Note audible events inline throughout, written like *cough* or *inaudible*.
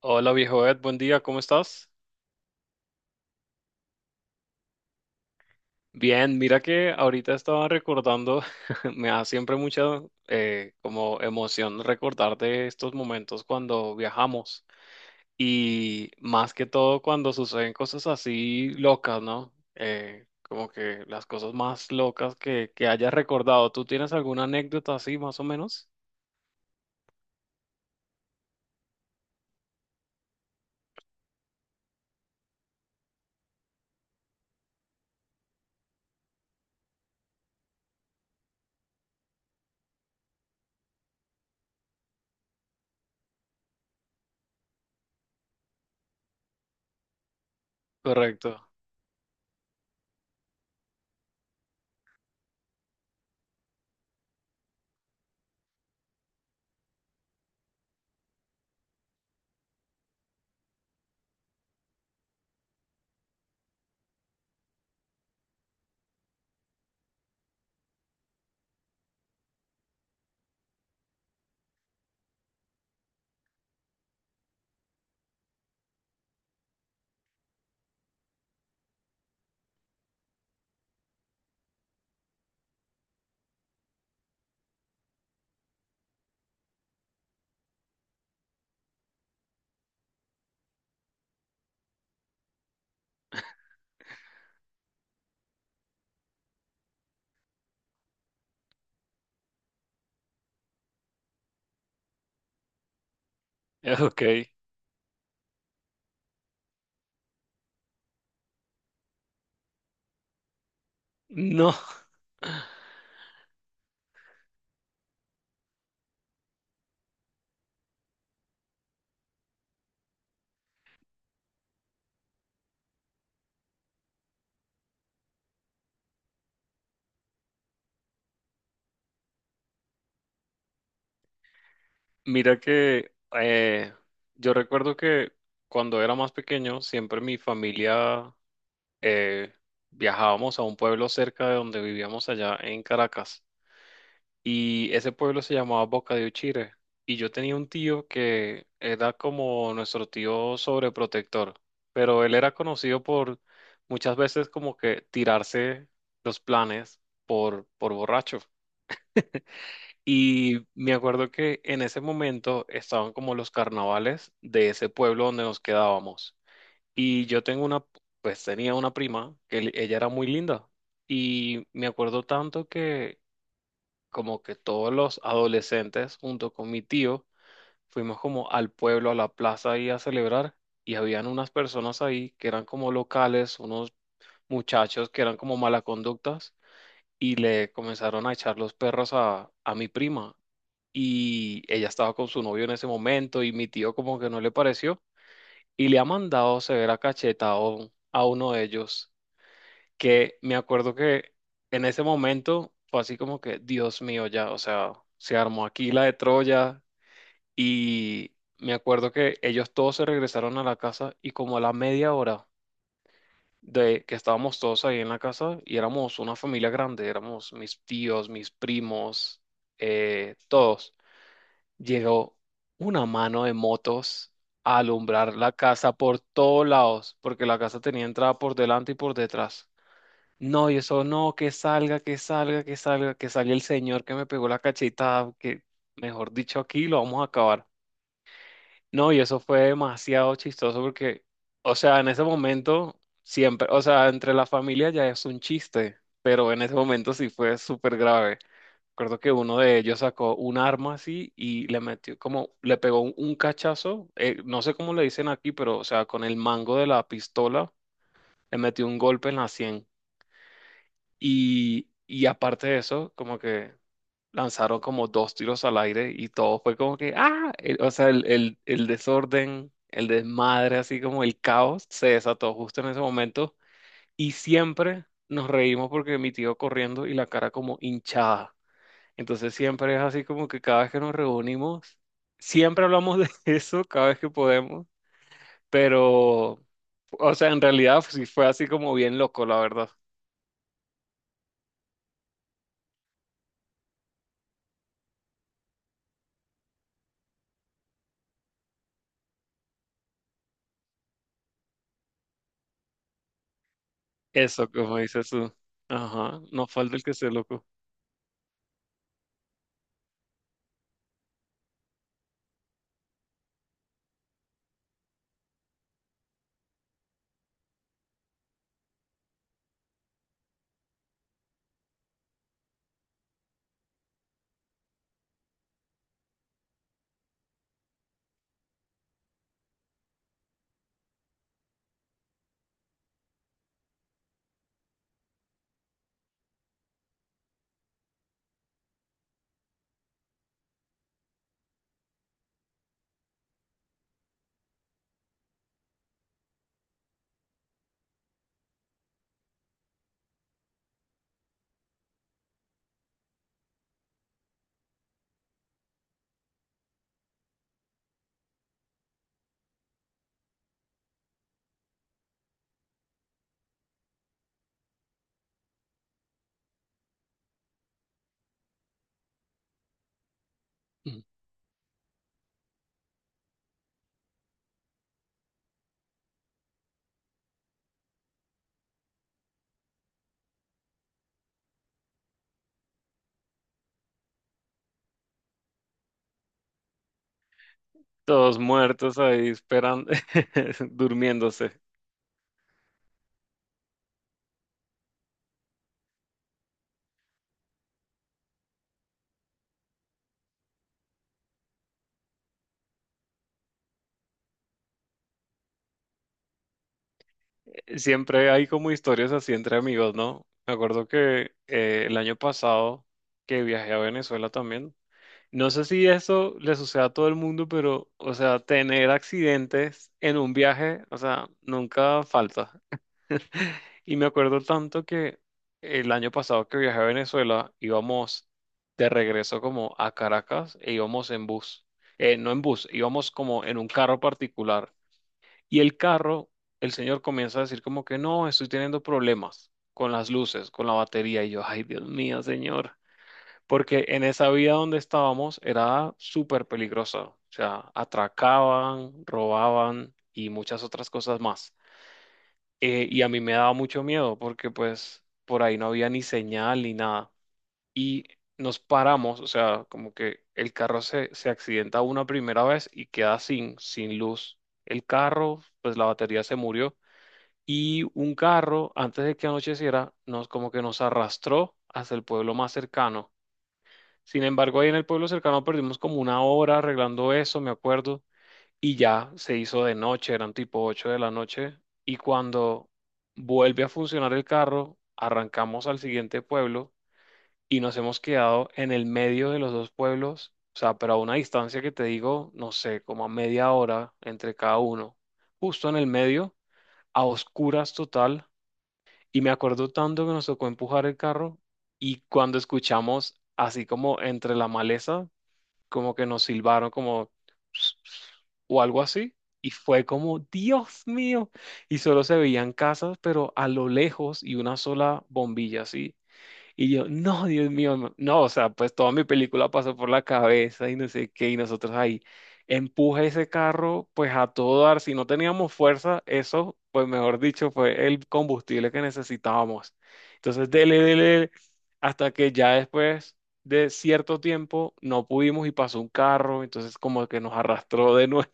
Hola viejo Ed, buen día, ¿cómo estás? Bien, mira que ahorita estaba recordando, *laughs* me da siempre mucha como emoción recordar de estos momentos cuando viajamos y más que todo cuando suceden cosas así locas, ¿no? Como que las cosas más locas que hayas recordado. ¿Tú tienes alguna anécdota así más o menos? Correcto. *laughs* Ok. No. Mira que yo recuerdo que cuando era más pequeño, siempre mi familia eh, viajábamos a un pueblo cerca de donde vivíamos allá en Caracas. Y ese pueblo se llamaba Boca de Uchire. Y yo tenía un tío que era como nuestro tío sobreprotector, pero él era conocido por muchas veces como que tirarse los planes por borracho. Y me acuerdo que en ese momento estaban como los carnavales de ese pueblo donde nos quedábamos. Y yo tengo una, pues tenía una prima que ella era muy linda. Y me acuerdo tanto que como que todos los adolescentes junto con mi tío fuimos como al pueblo, a la plaza ahí a celebrar. Y habían unas personas ahí que eran como locales, unos muchachos que eran como mala conductas y le comenzaron a echar los perros a mi prima y ella estaba con su novio en ese momento y mi tío como que no le pareció y le ha mandado severa cacheta a, a uno de ellos que me acuerdo que en ese momento fue así como que Dios mío ya, o sea, se armó aquí la de Troya y me acuerdo que ellos todos se regresaron a la casa y como a la media hora de que estábamos todos ahí en la casa y éramos una familia grande, éramos mis tíos, mis primos, todos llegó una mano de motos a alumbrar la casa por todos lados, porque la casa tenía entrada por delante y por detrás. No, y eso no, que salga, que salga, que salga, que salga el señor que me pegó la cachetada, que mejor dicho, aquí lo vamos a acabar. No, y eso fue demasiado chistoso porque, o sea, en ese momento, siempre, o sea, entre la familia ya es un chiste, pero en ese momento sí fue súper grave. Recuerdo que uno de ellos sacó un arma así y le metió como, le pegó un cachazo, no sé cómo le dicen aquí, pero o sea, con el mango de la pistola le metió un golpe en la sien. Y aparte de eso, como que lanzaron como dos tiros al aire y todo fue como que, ah, o sea, el desorden, el desmadre, así como el caos se desató justo en ese momento. Y siempre nos reímos porque mi tío corriendo y la cara como hinchada. Entonces siempre es así como que cada vez que nos reunimos, siempre hablamos de *laughs* eso cada vez que podemos, pero, o sea, en realidad pues, sí fue así como bien loco, la verdad. Eso, como dices tú. Ajá, no falta el que esté loco. Todos muertos ahí esperando, *laughs* durmiéndose. Siempre hay como historias así entre amigos, ¿no? Me acuerdo que el año pasado que viajé a Venezuela también. No sé si eso le sucede a todo el mundo, pero, o sea, tener accidentes en un viaje, o sea, nunca falta. *laughs* Y me acuerdo tanto que el año pasado que viajé a Venezuela, íbamos de regreso como a Caracas e íbamos en bus. No en bus, íbamos como en un carro particular. Y el carro, el señor comienza a decir como que no, estoy teniendo problemas con las luces, con la batería. Y yo, ay, Dios mío, señor. Porque en esa vía donde estábamos era súper peligrosa. O sea, atracaban, robaban y muchas otras cosas más. Y a mí me daba mucho miedo porque pues por ahí no había ni señal ni nada. Y nos paramos, o sea, como que el carro se accidenta una primera vez y queda sin luz. El carro, pues la batería se murió. Y un carro, antes de que anocheciera, nos como que nos arrastró hasta el pueblo más cercano. Sin embargo, ahí en el pueblo cercano perdimos como una hora arreglando eso, me acuerdo, y ya se hizo de noche, eran tipo 8 de la noche, y cuando vuelve a funcionar el carro, arrancamos al siguiente pueblo y nos hemos quedado en el medio de los dos pueblos, o sea, pero a una distancia que te digo, no sé, como a media hora entre cada uno, justo en el medio, a oscuras total, y me acuerdo tanto que nos tocó empujar el carro y cuando escuchamos así como entre la maleza, como que nos silbaron como o algo así. Y fue como, Dios mío. Y solo se veían casas, pero a lo lejos y una sola bombilla, así. Y yo, no, Dios mío, no, no", o sea, pues toda mi película pasó por la cabeza y no sé qué, y nosotros ahí, empuje ese carro, pues a todo dar, si no teníamos fuerza, eso, pues mejor dicho, fue el combustible que necesitábamos. Entonces, dele, dele, dele, hasta que ya después de cierto tiempo no pudimos y pasó un carro, entonces como que nos arrastró de *laughs* nuevo.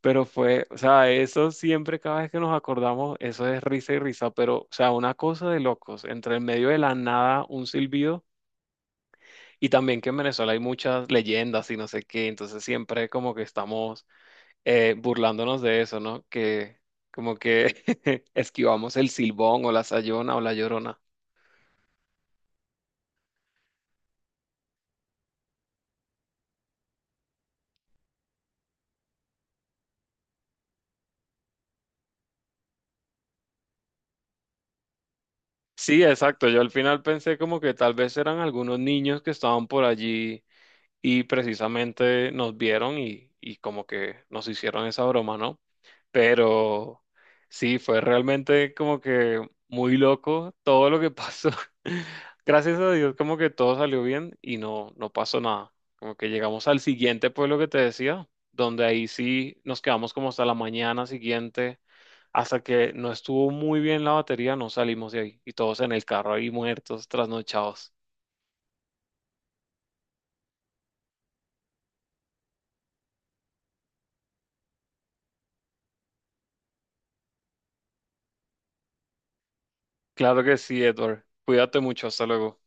Pero fue, o sea, eso siempre, cada vez que nos acordamos, eso es risa y risa, pero, o sea, una cosa de locos, entre el medio de la nada, un silbido, y también que en Venezuela hay muchas leyendas y no sé qué, entonces siempre como que estamos burlándonos de eso, ¿no? Que como que *laughs* esquivamos el silbón o la sayona o la llorona. Sí, exacto, yo al final pensé como que tal vez eran algunos niños que estaban por allí y precisamente nos vieron y como que nos hicieron esa broma, ¿no? Pero sí, fue realmente como que muy loco todo lo que pasó. *laughs* Gracias a Dios, como que todo salió bien y no, no pasó nada. Como que llegamos al siguiente pueblo que te decía, donde ahí sí nos quedamos como hasta la mañana siguiente, hasta que no estuvo muy bien la batería, no salimos de ahí y todos en el carro ahí muertos, trasnochados. Claro que sí, Edward. Cuídate mucho, hasta luego.